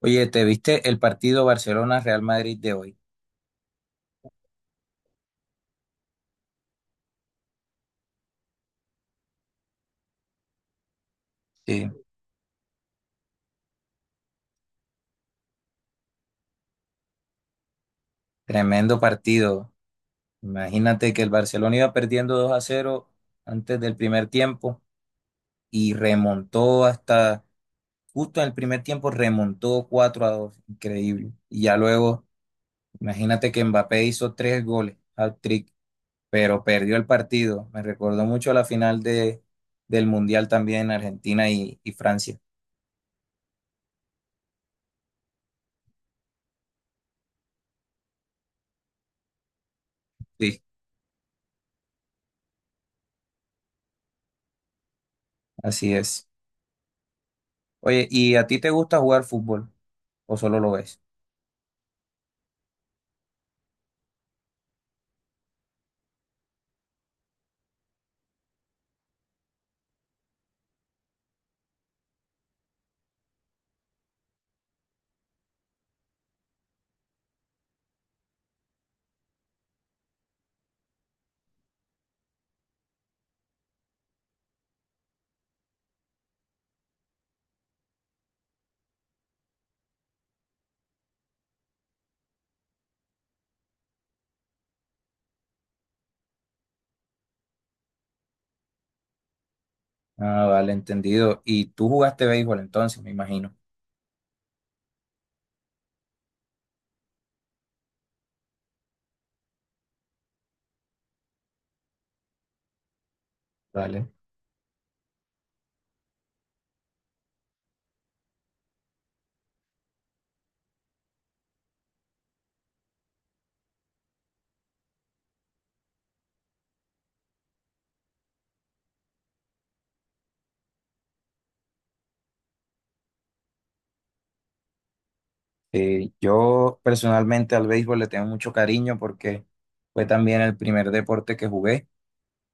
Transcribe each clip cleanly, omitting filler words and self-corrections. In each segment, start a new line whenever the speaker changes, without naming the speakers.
Oye, ¿te viste el partido Barcelona-Real Madrid de hoy? Sí, tremendo partido. Imagínate que el Barcelona iba perdiendo 2-0 antes del primer tiempo y remontó hasta, justo en el primer tiempo remontó 4-2, increíble. Y ya luego, imagínate que Mbappé hizo tres goles, hat-trick, pero perdió el partido. Me recordó mucho la final de, del Mundial también Argentina y Francia. Sí, así es. Oye, ¿y a ti te gusta jugar fútbol o solo lo ves? Ah, vale, entendido. Y tú jugaste béisbol entonces, me imagino. Vale. Yo personalmente al béisbol le tengo mucho cariño porque fue también el primer deporte que jugué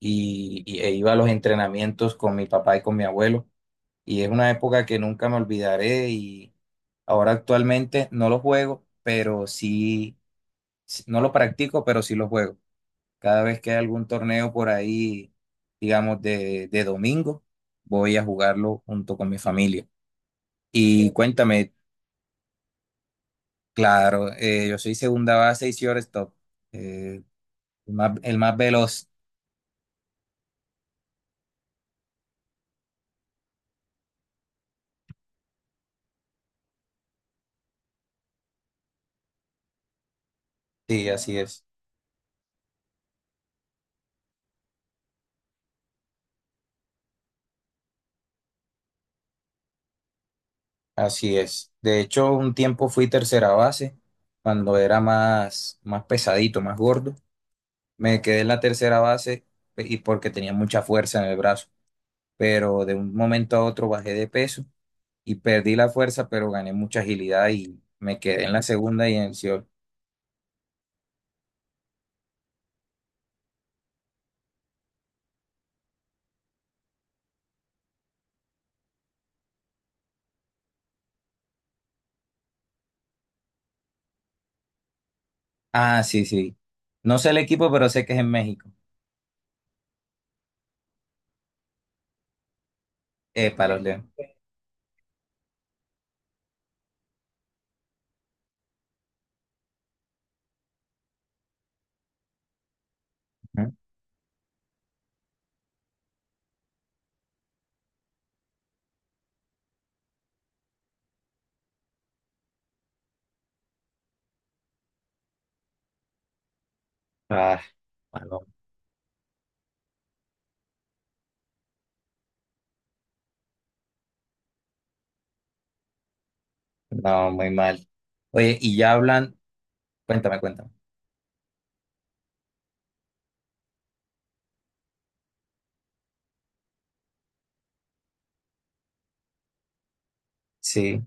e iba a los entrenamientos con mi papá y con mi abuelo. Y es una época que nunca me olvidaré y ahora actualmente no lo juego, pero no lo practico, pero sí lo juego. Cada vez que hay algún torneo por ahí, digamos, de domingo, voy a jugarlo junto con mi familia. Y cuéntame, claro, yo soy segunda base y shortstop, eh, el más veloz. Sí, así es, así es. De hecho, un tiempo fui tercera base, cuando era más, más pesadito, más gordo. Me quedé en la tercera base y porque tenía mucha fuerza en el brazo, pero de un momento a otro bajé de peso y perdí la fuerza, pero gané mucha agilidad y me quedé en la segunda y en el Seoul. Ah, sí, sí. No sé el equipo, pero sé que es en México. Para los Leones. Ujú. Ah, malo. No, muy mal. Oye, y ya hablan, cuéntame, cuéntame. Sí,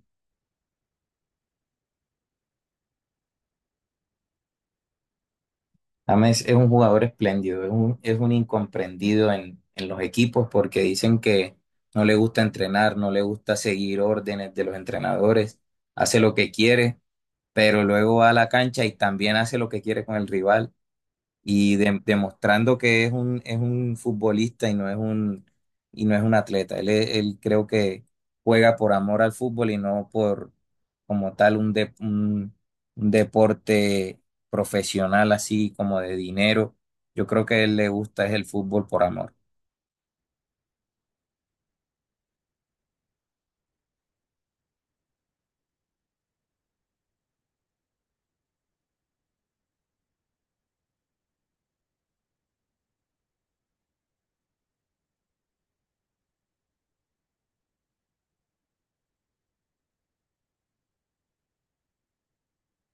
James es un jugador espléndido, es un incomprendido en los equipos porque dicen que no le gusta entrenar, no le gusta seguir órdenes de los entrenadores, hace lo que quiere, pero luego va a la cancha y también hace lo que quiere con el rival y demostrando que es un futbolista y no es y no es un atleta. Él, él creo que juega por amor al fútbol y no por como tal un deporte profesional así como de dinero. Yo creo que a él le gusta es el fútbol por amor.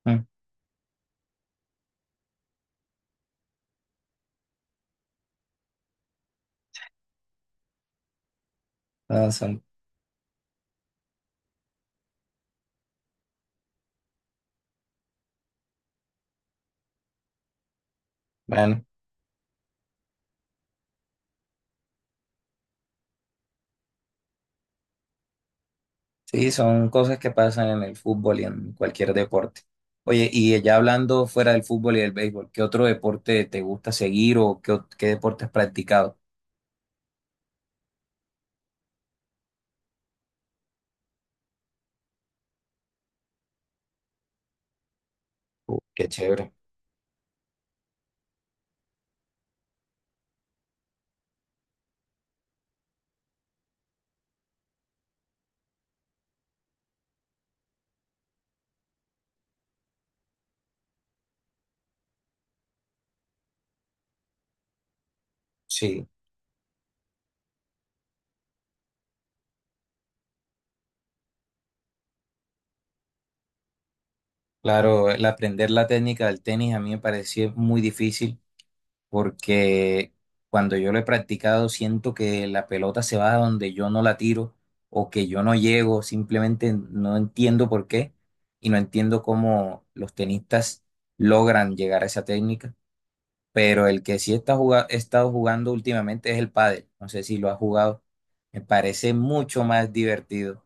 Mm, no, bueno, sí, son cosas que pasan en el fútbol y en cualquier deporte. Oye, y ya hablando fuera del fútbol y del béisbol, ¿qué otro deporte te gusta seguir o qué deporte has practicado? Qué chévere. Sí, claro, el aprender la técnica del tenis a mí me pareció muy difícil porque cuando yo lo he practicado siento que la pelota se va a donde yo no la tiro o que yo no llego, simplemente no entiendo por qué y no entiendo cómo los tenistas logran llegar a esa técnica, pero el que sí está he estado jugando últimamente es el pádel, no sé si lo has jugado, me parece mucho más divertido,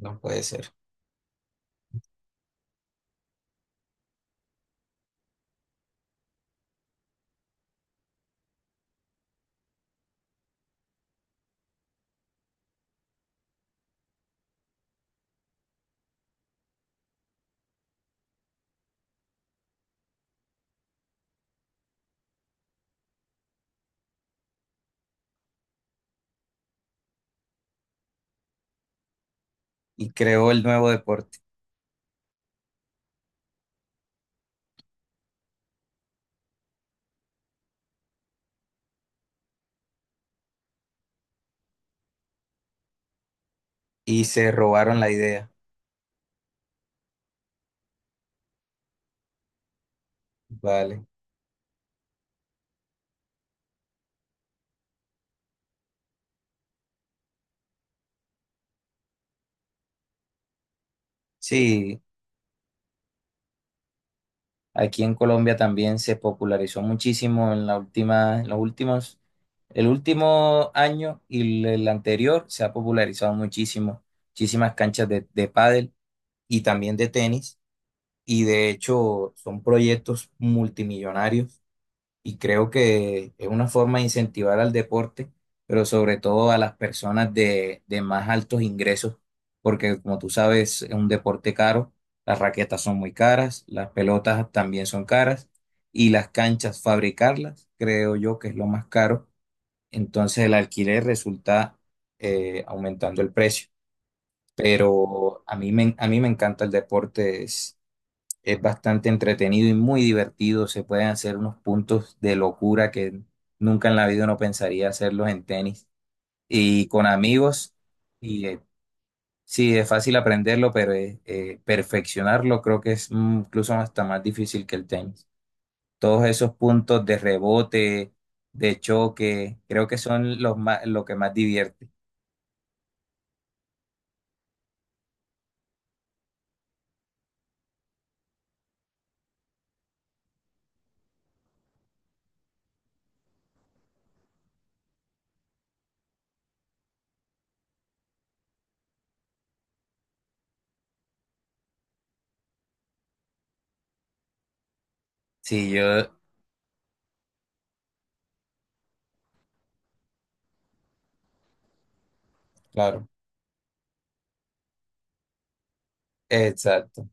no puede ser, y creó el nuevo deporte. Y se robaron la idea. Vale. Sí, aquí en Colombia también se popularizó muchísimo en la última, en los últimos, el último año y el anterior se ha popularizado muchísimo, muchísimas canchas de pádel y también de tenis. Y de hecho son proyectos multimillonarios y creo que es una forma de incentivar al deporte, pero sobre todo a las personas de más altos ingresos, porque como tú sabes, es un deporte caro, las raquetas son muy caras, las pelotas también son caras y las canchas, fabricarlas, creo yo que es lo más caro, entonces el alquiler resulta aumentando el precio. Pero a mí me encanta el deporte, es bastante entretenido y muy divertido. Se pueden hacer unos puntos de locura que nunca en la vida uno pensaría hacerlos en tenis y con amigos. Y eh, sí, es fácil aprenderlo, pero perfeccionarlo creo que es incluso hasta más difícil que el tenis. Todos esos puntos de rebote, de choque, creo que son lo que más divierte. Sí, yo, claro, exacto,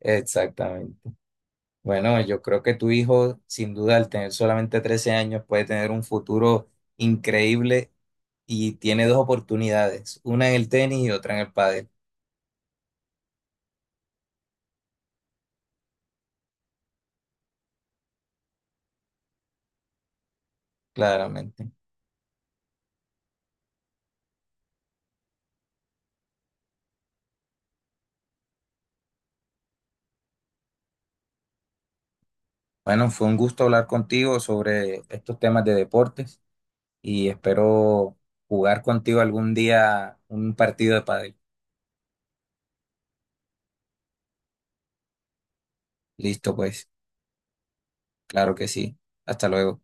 exactamente. Bueno, yo creo que tu hijo, sin duda, al tener solamente 13 años, puede tener un futuro increíble y tiene dos oportunidades, una en el tenis y otra en el pádel, claramente. Bueno, fue un gusto hablar contigo sobre estos temas de deportes y espero jugar contigo algún día un partido de pádel. Listo, pues, claro que sí. Hasta luego.